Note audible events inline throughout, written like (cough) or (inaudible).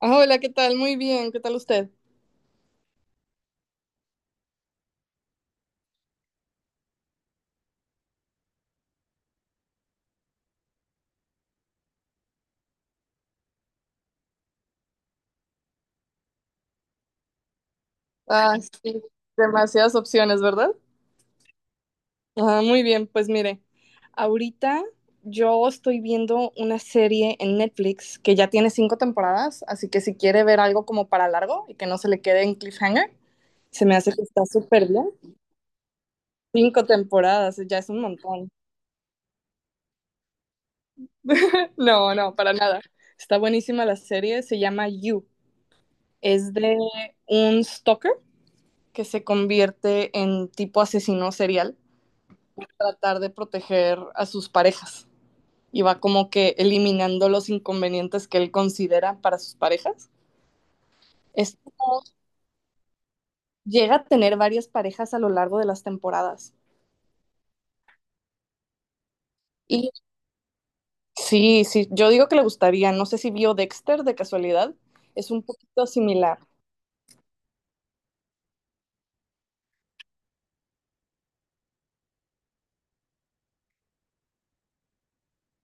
Ah, hola, ¿qué tal? Muy bien, ¿qué tal usted? Ah, sí, demasiadas opciones, ¿verdad? Ah, muy bien, pues mire, ahorita yo estoy viendo una serie en Netflix que ya tiene 5 temporadas, así que si quiere ver algo como para largo y que no se le quede en cliffhanger, se me hace que está súper bien. 5 temporadas, ya es un montón. (laughs) No, no, para nada. Está buenísima la serie, se llama You. Es de un stalker que se convierte en tipo asesino serial tratar de proteger a sus parejas y va como que eliminando los inconvenientes que él considera para sus parejas. Es, Llega a tener varias parejas a lo largo de las temporadas. Y sí, sí, yo digo que le gustaría, no sé si vio Dexter de casualidad, es un poquito similar.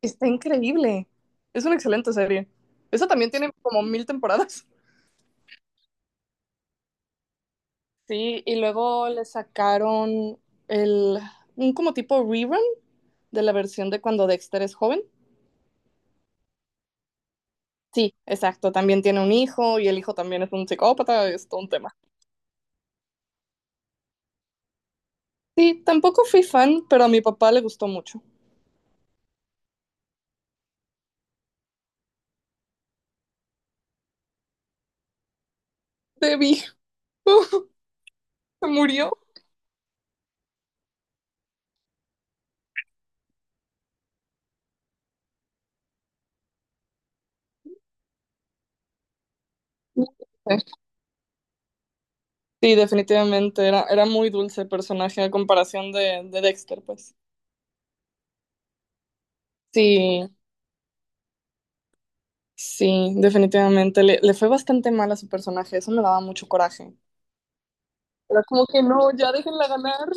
Está increíble, es una excelente serie. Eso también tiene como mil temporadas. Sí, y luego le sacaron el, un como tipo rerun de la versión de cuando Dexter es joven. Sí, exacto. También tiene un hijo y el hijo también es un psicópata, es todo un tema. Sí, tampoco fui fan, pero a mi papá le gustó mucho. Debbie. (laughs) Se murió. Sí, definitivamente era muy dulce el personaje a comparación de Dexter, pues. Sí, sí, definitivamente. Le fue bastante mal a su personaje, eso me daba mucho coraje. Era como que no, ya déjenla ganar.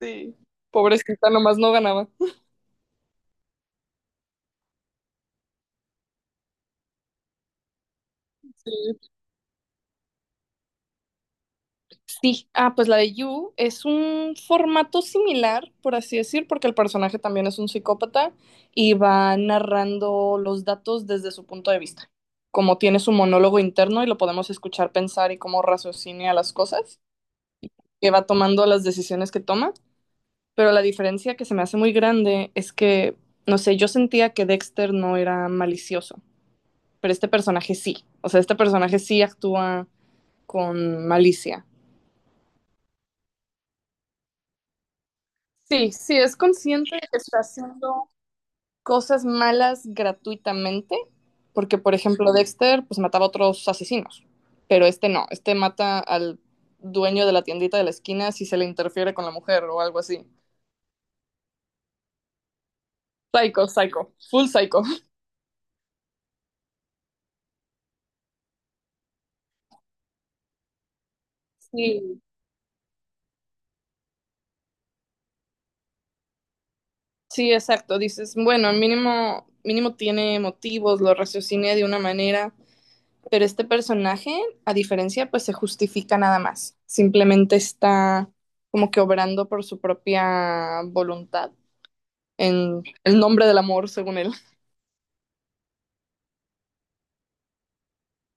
Sí, pobrecita, nomás no ganaba. Sí. Sí, pues la de You es un formato similar, por así decir, porque el personaje también es un psicópata y va narrando los datos desde su punto de vista. Como tiene su monólogo interno y lo podemos escuchar pensar y cómo raciocina las cosas, que va tomando las decisiones que toma. Pero la diferencia que se me hace muy grande es que, no sé, yo sentía que Dexter no era malicioso, pero este personaje sí. O sea, este personaje sí actúa con malicia. Sí, sí es consciente de que está haciendo cosas malas gratuitamente, porque por ejemplo Dexter pues mataba a otros asesinos, pero este no, este mata al dueño de la tiendita de la esquina si se le interfiere con la mujer o algo así. Psycho, psycho, full psycho. Sí, sí, exacto, dices, bueno, mínimo mínimo tiene motivos, lo raciociné de una manera. Pero este personaje, pues se justifica nada más. Simplemente está como que obrando por su propia voluntad en el nombre del amor, según él.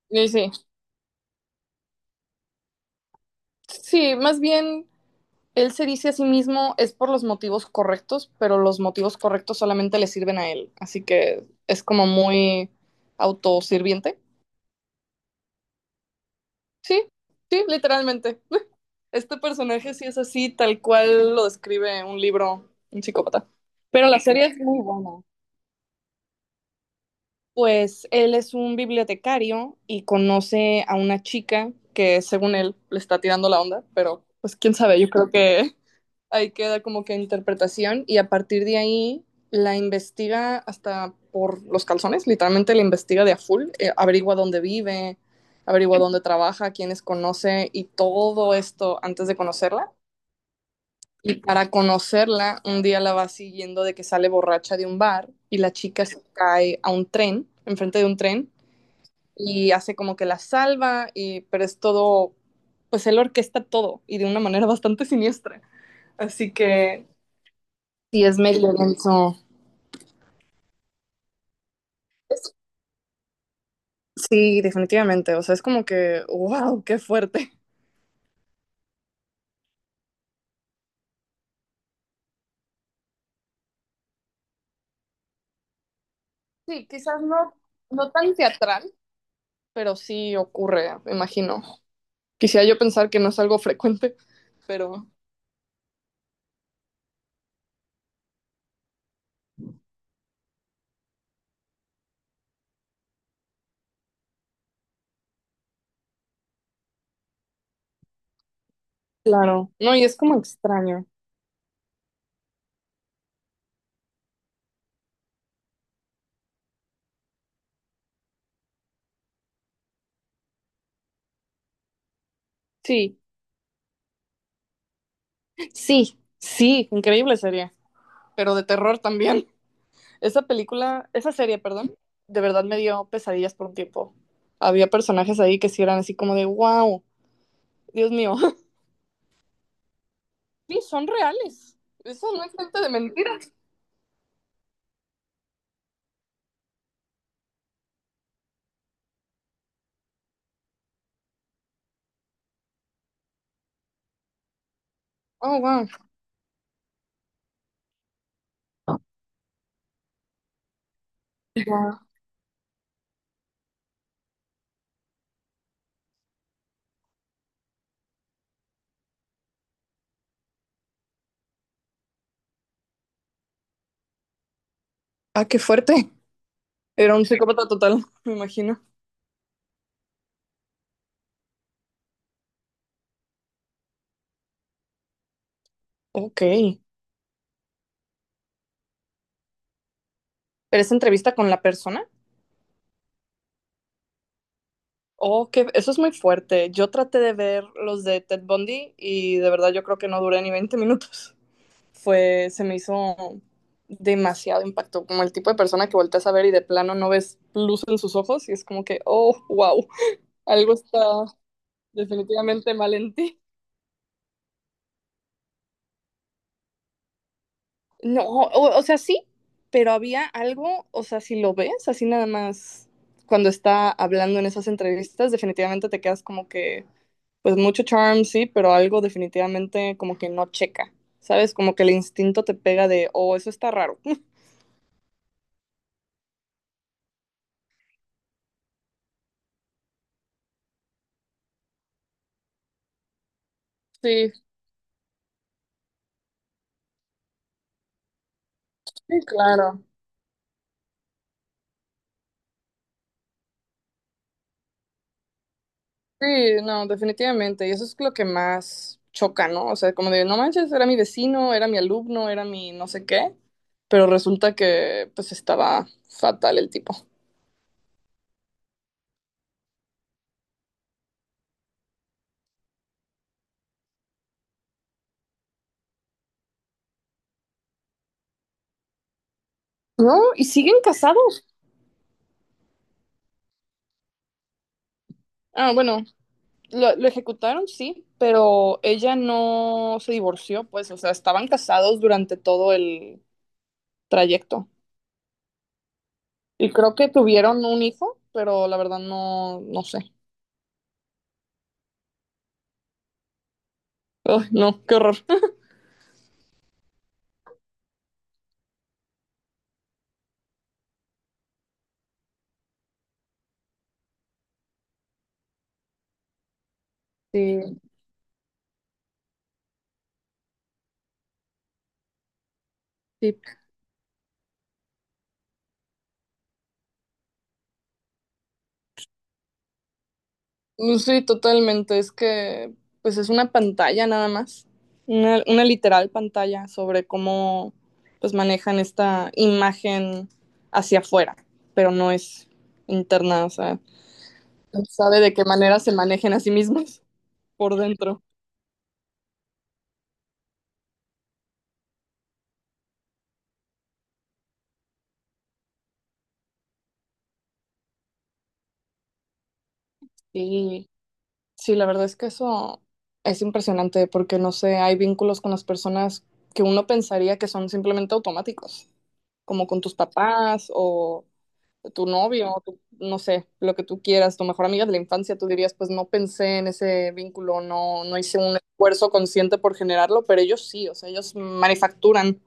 Y sí, sí, más bien él se dice a sí mismo es por los motivos correctos, pero los motivos correctos solamente le sirven a él. Así que es como muy autosirviente. Sí, sí, literalmente. (laughs) Este personaje sí es así, tal cual lo describe un libro, un psicópata. Pero la serie Pues él es un bibliotecario y conoce a una chica que según él le está tirando la onda, pero pues quién sabe, yo creo que (laughs) ahí queda como que interpretación y a partir de ahí la investiga hasta por los calzones, literalmente la investiga de a full, averigua dónde vive, averigua dónde trabaja, quiénes conoce y todo esto antes de conocerla. Y para conocerla, un día la va siguiendo de que sale borracha de un bar y la chica se cae a un tren, enfrente de un tren, y hace como que la salva, y, pero es todo, pues él orquesta todo y de una manera (laughs) bastante siniestra. Así que sí, es medio denso. Es- Sí, definitivamente. O sea, es como que, wow, qué fuerte. Sí, quizás no, no tan teatral, pero sí ocurre, me imagino. Quisiera yo pensar que no es algo frecuente, pero... Claro. No, y es como extraño. Sí, sí, sí, increíble sería. Pero de terror también. Esa película, esa serie, perdón, de verdad me dio pesadillas por un tiempo. Había personajes ahí que sí eran así como de, wow, Dios mío. (laughs) Sí, son reales. Eso no es gente de mentiras. Oh, wow. Wow. Ah, qué fuerte. Era un psicópata total, (laughs) me imagino. Ok. ¿Pero esa entrevista con la persona? Oh, que eso es muy fuerte. Yo traté de ver los de Ted Bundy y de verdad yo creo que no duré ni 20 minutos. Fue, se me hizo demasiado impacto, como el tipo de persona que volteas a ver y de plano no ves luz en sus ojos y es como que, oh, wow, algo está definitivamente mal en ti. No, o sea, sí, pero había algo, o sea, si lo ves así nada más cuando está hablando en esas entrevistas, definitivamente te quedas como que, pues mucho charm, sí, pero algo definitivamente como que no checa, ¿sabes? Como que el instinto te pega de, oh, eso está raro. Sí, sí, claro. Sí, no, definitivamente. Y eso es lo que más choca, ¿no? O sea, como de, no manches, era mi vecino, era mi alumno, era mi no sé qué, pero resulta que pues estaba fatal el tipo. No, y siguen casados. Ah, bueno, lo ejecutaron, sí, pero ella no se divorció, pues, o sea, estaban casados durante todo el trayecto. Y creo que tuvieron un hijo, pero la verdad no, no sé. Ay, no, qué horror. Sí, sí. Mm, sí, totalmente. Es que, pues es una pantalla nada más, una literal pantalla sobre cómo, pues manejan esta imagen hacia afuera, pero no es interna, o sea, no sabe de qué manera se manejen a sí mismos (laughs) por dentro. Y sí, la verdad es que eso es impresionante porque, no sé, hay vínculos con las personas que uno pensaría que son simplemente automáticos, como con tus papás o tu novio, tu- no sé, lo que tú quieras, tu mejor amiga de la infancia, tú dirías, pues no pensé en ese vínculo, no, no hice un esfuerzo consciente por generarlo, pero ellos sí, o sea, ellos manufacturan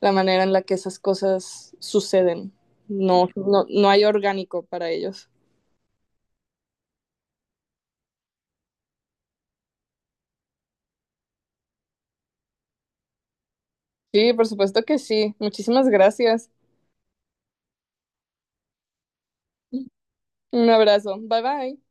la manera en la que esas cosas suceden. No, no, no hay orgánico para ellos. Sí, por supuesto que sí. Muchísimas gracias. Un abrazo. Bye bye.